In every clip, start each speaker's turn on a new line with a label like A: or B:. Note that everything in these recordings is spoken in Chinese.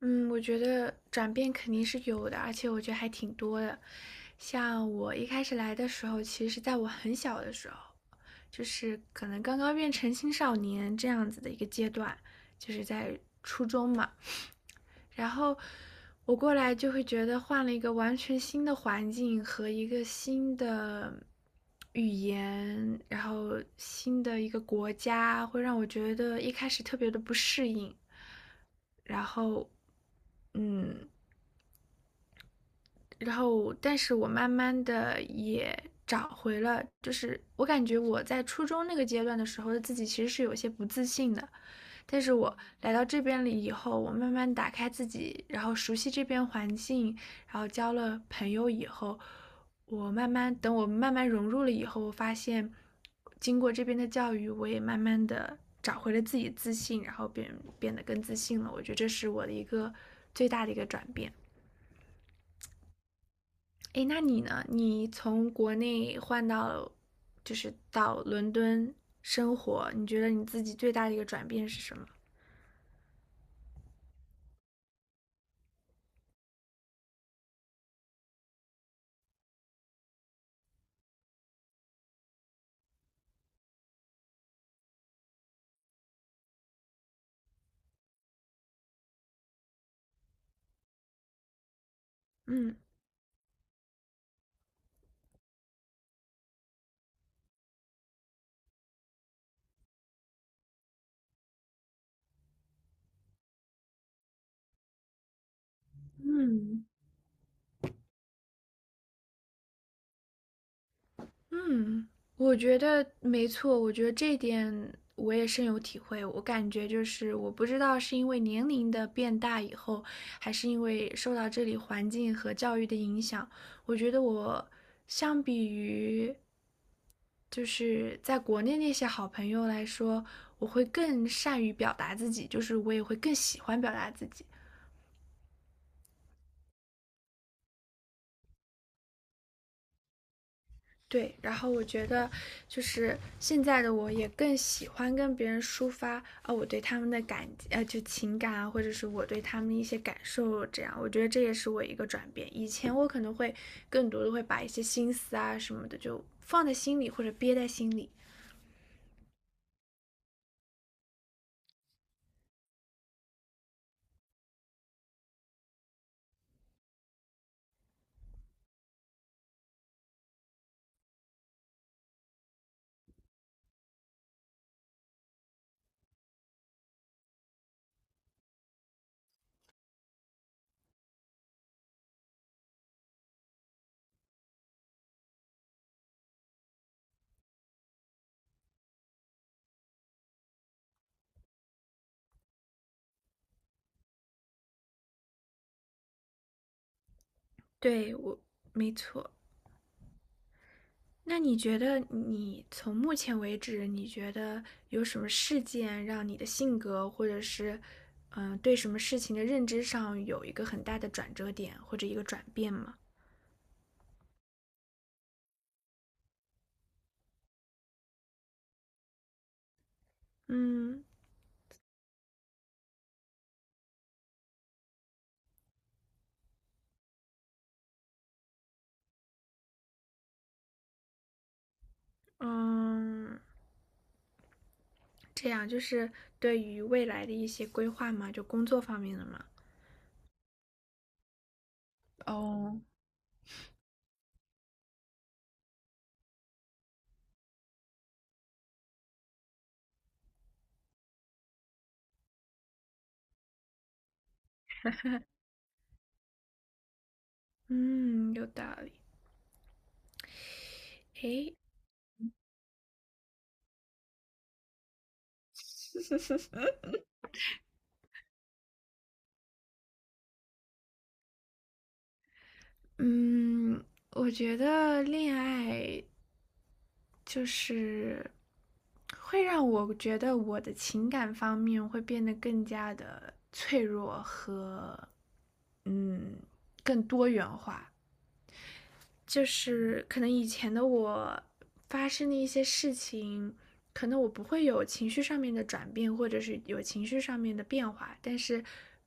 A: 嗯，我觉得转变肯定是有的，而且我觉得还挺多的。像我一开始来的时候，其实在我很小的时候，就是可能刚刚变成青少年这样子的一个阶段，就是在初中嘛。然后我过来就会觉得换了一个完全新的环境和一个新的语言，然后新的一个国家，会让我觉得一开始特别的不适应。然后嗯，然后但是我慢慢的也找回了，就是我感觉我在初中那个阶段的时候的自己其实是有些不自信的，但是我来到这边了以后，我慢慢打开自己，然后熟悉这边环境，然后交了朋友以后，我慢慢等我慢慢融入了以后，我发现经过这边的教育，我也慢慢的找回了自己自信，然后变得更自信了，我觉得这是我的一个最大的一个转变。哎，那你呢？你从国内换到，就是到伦敦生活，你觉得你自己最大的一个转变是什么？嗯嗯，嗯，我觉得没错，我觉得这一点我也深有体会。我感觉就是，我不知道是因为年龄的变大以后，还是因为受到这里环境和教育的影响，我觉得我相比于就是在国内那些好朋友来说，我会更善于表达自己，就是我也会更喜欢表达自己。对，然后我觉得就是现在的我也更喜欢跟别人抒发啊，我对他们的就情感啊，或者是我对他们的一些感受，这样我觉得这也是我一个转变。以前我可能会更多的会把一些心思啊什么的就放在心里或者憋在心里。对我，没错。那你觉得你从目前为止，你觉得有什么事件让你的性格，或者是对什么事情的认知上有一个很大的转折点或者一个转变吗？嗯嗯，这样就是对于未来的一些规划嘛，就工作方面的嘛。哦，嗯，有道理。诶，嗯，我觉得恋爱就是会让我觉得我的情感方面会变得更加的脆，更多元化。就是可能以前的我发生的一些事情，可能我不会有情绪上面的转变，或者是有情绪上面的变化，但是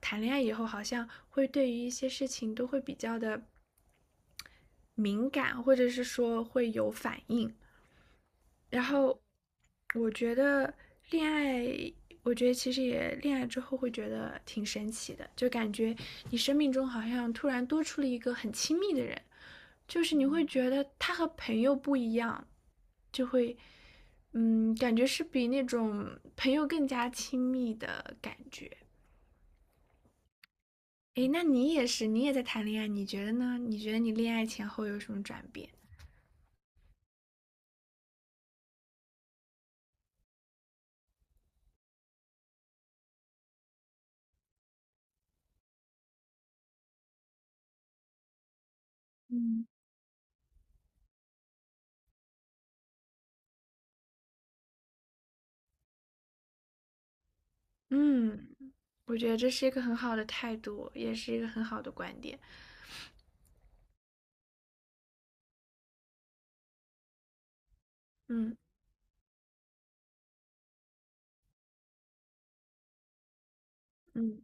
A: 谈恋爱以后，好像会对于一些事情都会比较的敏感，或者是说会有反应。然后我觉得恋爱，我觉得其实也恋爱之后会觉得挺神奇的，就感觉你生命中好像突然多出了一个很亲密的人，就是你会觉得他和朋友不一样，就会嗯，感觉是比那种朋友更加亲密的感觉。诶，那你也是，你也在谈恋爱，你觉得呢？你觉得你恋爱前后有什么转变？嗯，我觉得这是一个很好的态度，也是一个很好的观点。嗯嗯，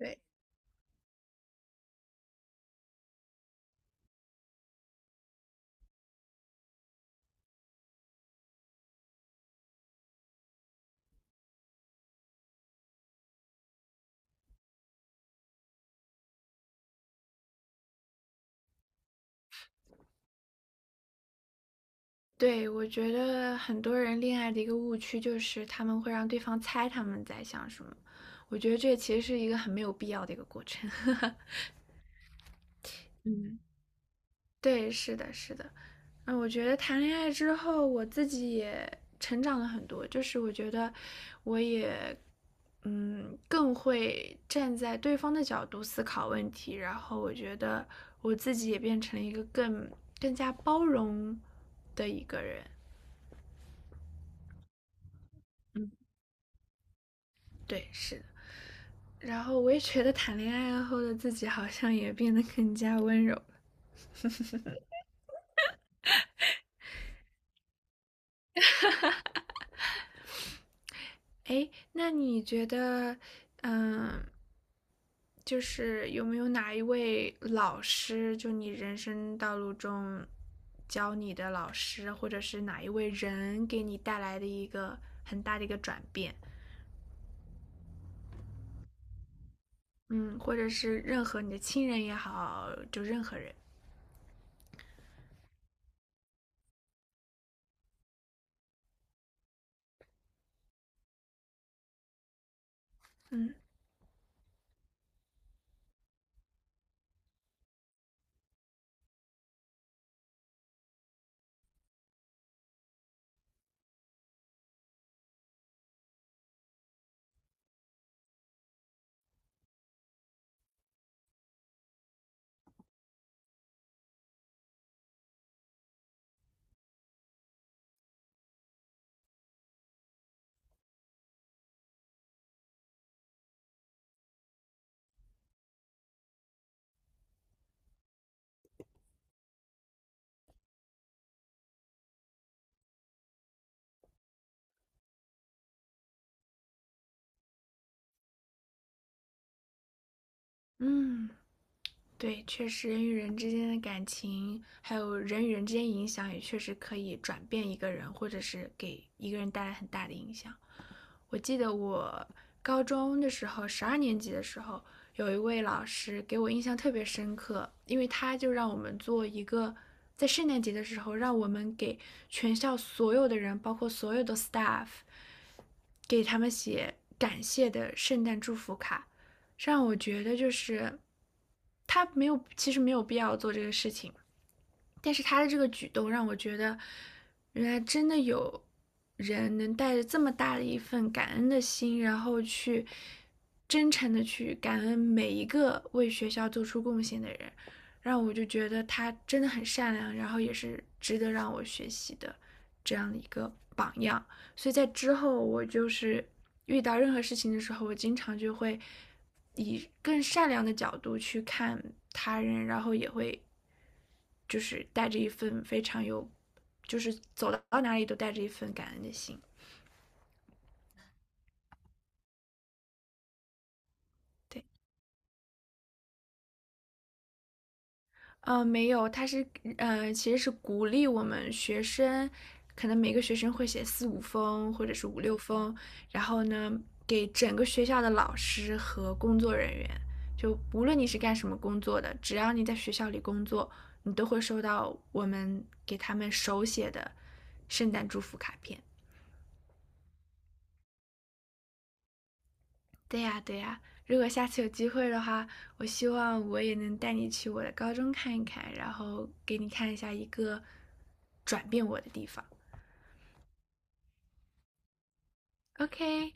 A: 对对，我觉得很多人恋爱的一个误区就是他们会让对方猜他们在想什么，我觉得这其实是一个很没有必要的一个过程。嗯对，是的，是的，嗯，我觉得谈恋爱之后，我自己也成长了很多，就是我觉得我也，嗯，更会站在对方的角度思考问题，然后我觉得我自己也变成了一个更加包容的一个人。对，是的。然后我也觉得谈恋爱后的自己好像也变得更加温柔。哎，那你觉得，嗯，就是有没有哪一位老师，就你人生道路中教你的老师，或者是哪一位人给你带来的一个很大的一个转变？嗯，或者是任何你的亲人也好，就任何人。嗯嗯，对，确实人与人之间的感情，还有人与人之间影响，也确实可以转变一个人，或者是给一个人带来很大的影响。我记得我高中的时候，12年级的时候，有一位老师给我印象特别深刻，因为他就让我们做一个，在圣诞节的时候，让我们给全校所有的人，包括所有的 staff，给他们写感谢的圣诞祝福卡，让我觉得就是他没有，其实没有必要做这个事情，但是他的这个举动让我觉得，原来真的有人能带着这么大的一份感恩的心，然后去真诚的去感恩每一个为学校做出贡献的人，让我就觉得他真的很善良，然后也是值得让我学习的这样的一个榜样。所以在之后，我就是遇到任何事情的时候，我经常就会以更善良的角度去看他人，然后也会就是带着一份非常有，就是走到哪里都带着一份感恩的心。对，呃，没有，他是呃，其实是鼓励我们学生，可能每个学生会写四五封或者是五六封，然后呢，给整个学校的老师和工作人员，就无论你是干什么工作的，只要你在学校里工作，你都会收到我们给他们手写的圣诞祝福卡片。对呀，对呀，如果下次有机会的话，我希望我也能带你去我的高中看一看，然后给你看一下一个转变我的地方。OK，